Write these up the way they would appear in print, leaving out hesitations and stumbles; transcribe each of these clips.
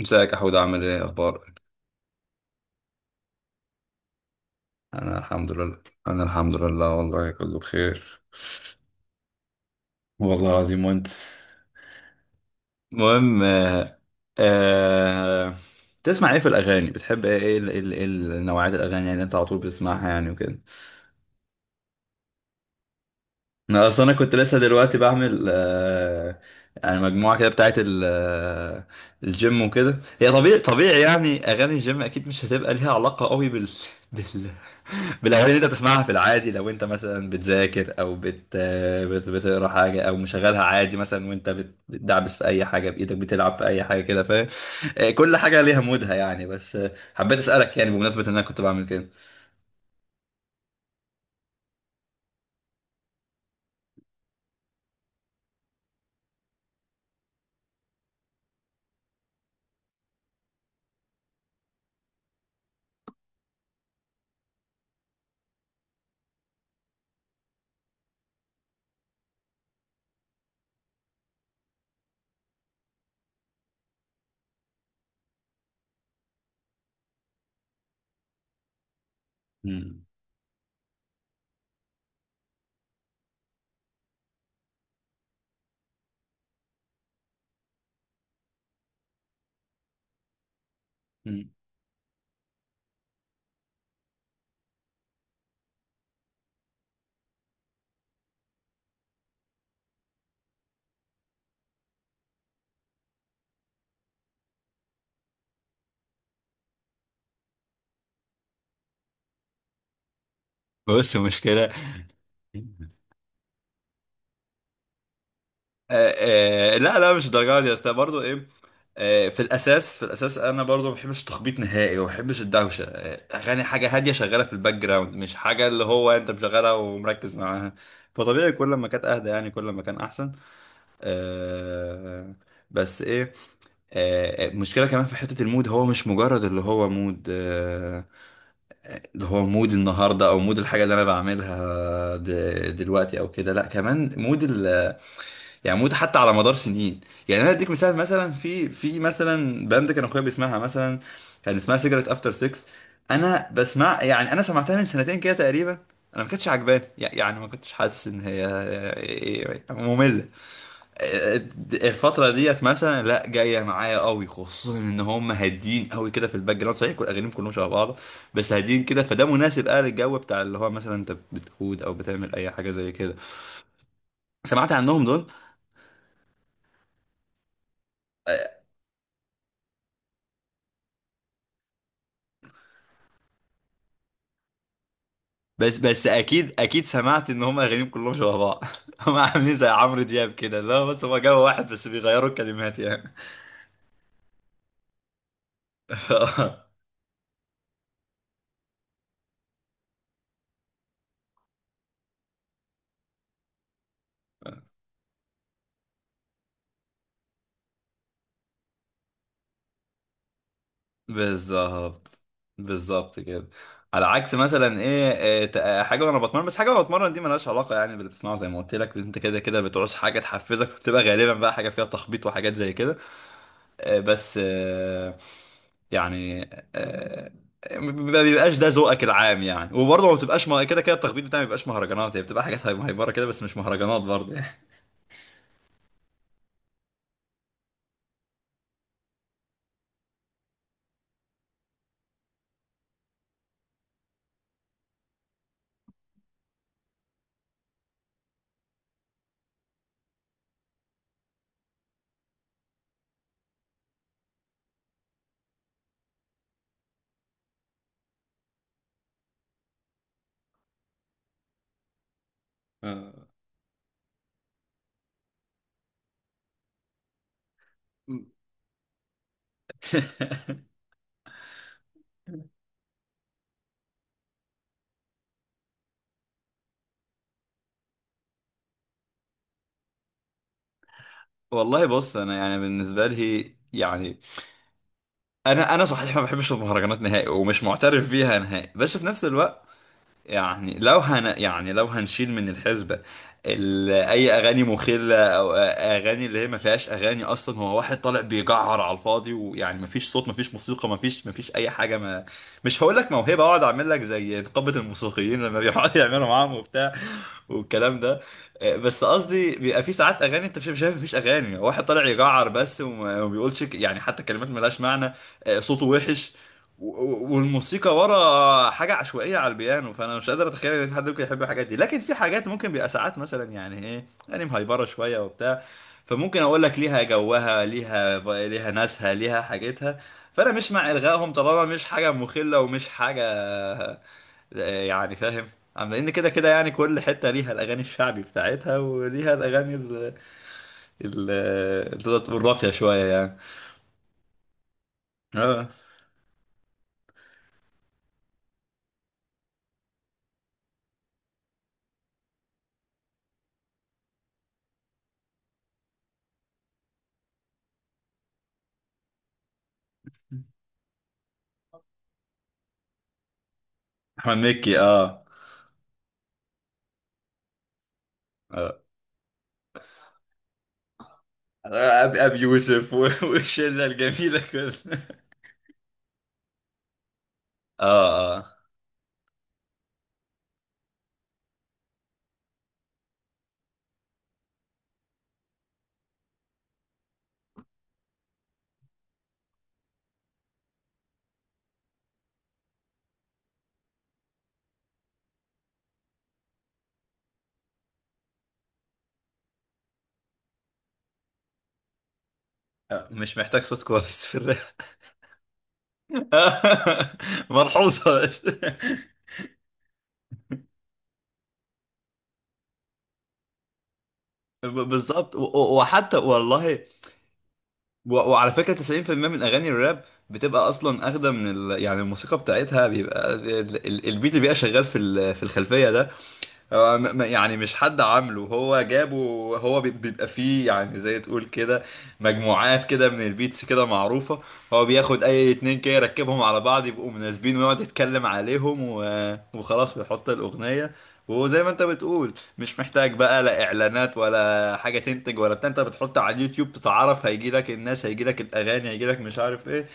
ازيك يا حود؟ عامل ايه، اخبارك؟ انا الحمد لله. والله كله بخير. والله العظيم، وانت؟ المهم، آه تسمع ايه في الاغاني؟ بتحب ايه ايه ال- إيه ال- إيه ال- نوعيات الاغاني، يعني انت على طول بتسمعها يعني وكده؟ انا اصلا كنت لسه دلوقتي بعمل، يعني مجموعه كده بتاعت الجيم وكده. هي طبيعي طبيعي، يعني اغاني الجيم اكيد مش هتبقى ليها علاقه قوي بال بالاغاني اللي انت بتسمعها في العادي. لو انت مثلا بتذاكر او بتقرا حاجه، او مشغلها عادي مثلا وانت بتدعبس في اي حاجه بايدك، بتلعب في اي حاجه كده، فاهم؟ كل حاجه ليها مودها يعني، بس حبيت اسالك، يعني بمناسبه ان انا كنت بعمل كده. مم. مم. بص، مشكله. آه، لا لا، مش الدرجه دي، بس برضه ايه، في الاساس، انا برضه ما بحبش التخبيط نهائي، وما بحبش الدوشه. اغاني حاجه هاديه شغاله في الباك جراوند، مش حاجه اللي هو انت مشغلها ومركز معاها. فطبيعي، كل ما كانت اهدى يعني كل ما كان احسن. آه، بس ايه، المشكلة كمان في حتة المود، هو مش مجرد اللي هو مود. اللي هو مود النهاردة أو مود الحاجة اللي أنا بعملها دلوقتي أو كده، لأ، كمان مود، يعني موت حتى على مدار سنين. يعني انا اديك مثال، مثلا في مثلا باند كان اخويا بيسمعها، مثلا كان اسمها سيجرت افتر 6. انا بسمع يعني انا سمعتها من سنتين كده تقريبا. انا ما كانتش عجباني، يعني ما كنتش حاسس ان هي ممله. الفتره ديت مثلا، لا، جايه معايا قوي، خصوصا ان هم هادين قوي كده في الباك جراوند. صحيح كل اغانيهم كلهم شبه بعض، بس هادين كده، فده مناسب قوي للجو بتاع اللي هو مثلا انت بتقود او بتعمل اي حاجه زي كده. سمعت عنهم دول؟ بس بس اكيد اكيد سمعت ان هم اغانيهم كلهم شبه بعض. هم عاملين زي عمرو دياب كده، لا بس هم جابوا واحد بس بيغيروا الكلمات يعني. بالظبط، بالظبط كده. على عكس مثلا ايه، إيه، ت- آه، حاجه وانا بتمرن، بس حاجه وانا بتمرن دي ملهاش علاقه يعني باللي بتسمعه، زي ما قلت لك انت، كده كده بتعوز حاجه تحفزك، بتبقى غالبا بقى حاجه فيها تخبيط وحاجات زي كده. بس، يعني آه، ما بيبقاش ده ذوقك العام يعني، وبرضه ما بتبقاش، ما كده كده التخبيط بتاعي ما بيبقاش مهرجانات، هي بتبقى حاجات مهيبره كده بس مش مهرجانات برضه يعني. آه. والله بص، انا يعني بالنسبه لي يعني انا صحيح ما بحبش المهرجانات نهائي، ومش معترف بيها نهائي، بس في نفس الوقت يعني لو هن يعني لو هنشيل من الحسبة اي اغاني مخلة، او اغاني اللي هي ما فيهاش اغاني اصلا، هو واحد طالع بيجعر على الفاضي ويعني ما فيش صوت ما فيش موسيقى ما فيش اي حاجة ما. مش هقول لك موهبه اقعد اعمل لك زي نقابه الموسيقيين لما بيقعدوا يعملوا معاهم وبتاع والكلام ده. بس قصدي بيبقى في ساعات اغاني انت مش شايف، مفيش اغاني، واحد طالع يجعر بس وما بيقولش، يعني حتى كلمات ملهاش معنى. صوته وحش، والموسيقى ورا حاجه عشوائيه على البيانو. فانا مش قادر اتخيل ان في حد ممكن يحب الحاجات دي، لكن في حاجات ممكن بيبقى ساعات مثلا، يعني ايه، يعني مهيبره شويه وبتاع. فممكن اقول لك ليها جوها، ليها ناسها ليها حاجتها. فانا مش مع الغائهم طالما مش حاجه مخله ومش حاجه، يعني فاهم. لان كده كده يعني كل حته ليها الاغاني الشعبي بتاعتها، وليها الاغاني ال ال اللي تقدر تقول راقيه شويه يعني. اه. احمد مكي، اه. اه، أبي يوسف والشله الجميله كلها. اه، اه. مش محتاج صوت كويس في الراب. ملحوظه بس. بالظبط، وحتى والله، وعلى فكرة 90% من أغاني الراب بتبقى أصلا أخدة من يعني الموسيقى بتاعتها بيبقى البيت اللي بيبقى شغال في الخلفية ده، هو يعني مش حد عامله، هو جابه. هو بيبقى فيه يعني، زي تقول كده مجموعات كده من البيتس كده معروفة. هو بياخد اي اتنين كده يركبهم على بعض يبقوا مناسبين، ويقعد يتكلم عليهم، وخلاص بيحط الأغنية. وزي ما انت بتقول، مش محتاج بقى لا اعلانات ولا حاجة تنتج ولا بتاع، انت بتحط على اليوتيوب، تتعرف، هيجي لك الناس، هيجي لك الاغاني، هيجي لك مش عارف ايه،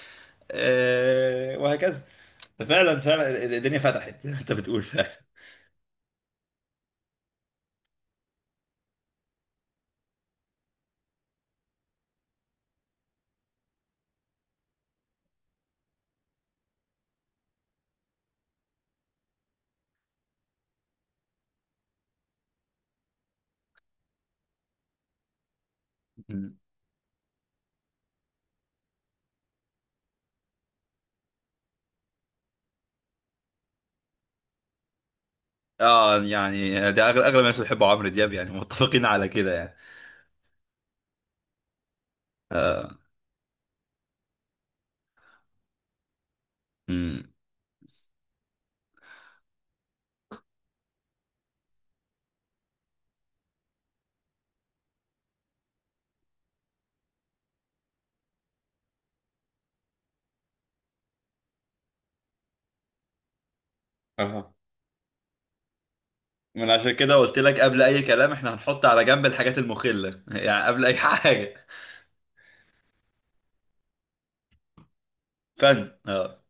وهكذا. ففعلا فعلا الدنيا فتحت، زي ما انت بتقول فعلا. اه، يعني ده اغلب اغلب الناس بيحبوا عمرو دياب، يعني متفقين على كده يعني. آه. امم. اها. عشان كده قلت لك قبل اي كلام احنا هنحط على جنب الحاجات المخلة يعني قبل اي حاجة. فن، اه.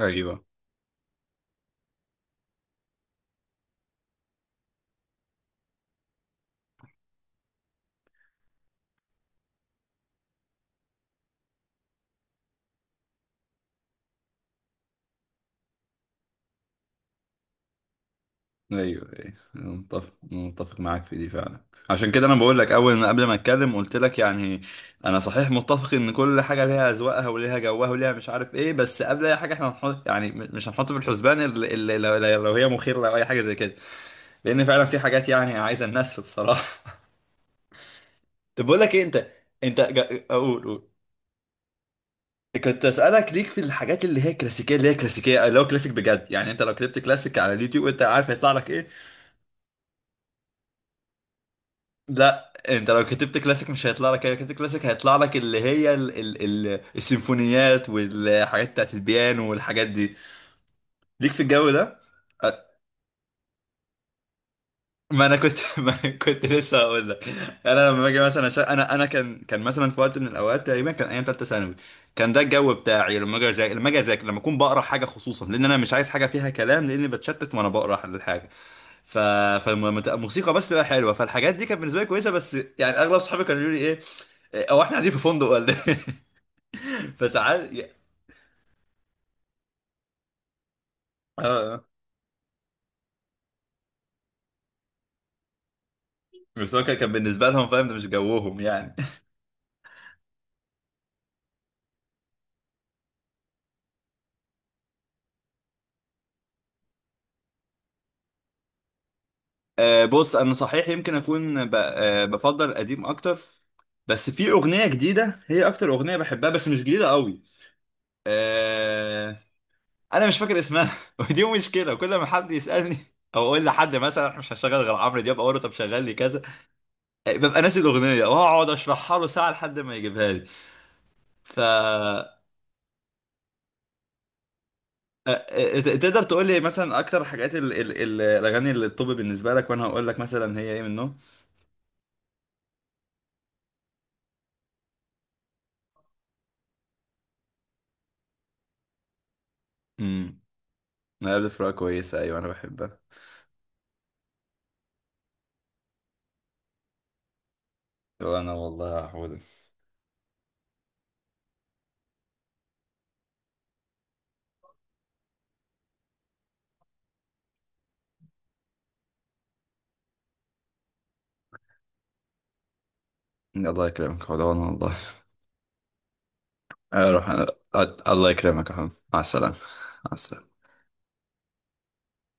ايوه، ايوه، ايوه، متفق متفق معاك في دي فعلا، عشان كده انا بقول لك، اول ما قبل ما اتكلم قلت لك، يعني انا صحيح متفق ان كل حاجه ليها اذواقها وليها جوها وليها مش عارف ايه، بس قبل اي حاجه احنا هنحط، يعني مش هنحط في الحسبان، إلا لو هي مخيره او اي حاجه زي كده، لان فعلا في حاجات يعني عايزه النسف بصراحه. طب بقول لك ايه، انت اقول، قول. كنت اسالك، ليك في الحاجات اللي هو كلاسيك بجد، يعني انت لو كتبت كلاسيك على اليوتيوب انت عارف هيطلع لك ايه؟ لا، انت لو كتبت كلاسيك مش هيطلع لك ايه، لو كتبت كلاسيك هيطلع لك اللي هي السيمفونيات والحاجات بتاعت البيانو والحاجات دي. ليك في الجو ده؟ ما انا كنت ما أنا كنت لسه هقول لك. انا لما باجي مثلا انا كان مثلا في وقت من الاوقات، تقريبا كان ايام ثالثه ثانوي، كان ده الجو بتاعي لما اجي اذاكر، لما اكون بقرا حاجه، خصوصا لان انا مش عايز حاجه فيها كلام لاني بتشتت وانا بقرا الحاجه. ف فالموسيقى بس تبقى حلوه، فالحاجات دي كانت بالنسبه لي كويسه. بس يعني اغلب صحابي كانوا يقولوا لي ايه، هو احنا قاعدين في فندق ولا ايه؟ فساعات اه. آه. بس هو كان بالنسبه لهم، فاهم، ده مش جوهم يعني. بص انا صحيح يمكن اكون بفضل قديم اكتر، بس في اغنيه جديده هي اكتر اغنيه بحبها، بس مش جديده قوي. آه، انا مش فاكر اسمها ودي مشكله، كل ما حد يسالني او اقول لحد مثلا احنا مش هشغل غير عمرو دياب، اقول له طب شغل لي كذا، ببقى ناسي الاغنيه، واقعد اشرحها له ساعه لحد ما يجيبها لي. ف آه، آه، تقدر تقول لي مثلا اكتر حاجات الاغاني اللي الطب بالنسبه لك، وانا هقول لك مثلا هي ايه منهم. امم. ما قبل فراق كويسه، ايوه انا بحبها. وانا والله يا حود. الله يكرمك حود، وانا والله. اروح أنا... الله يكرمك يا حود، مع السلامة. مع السلامة.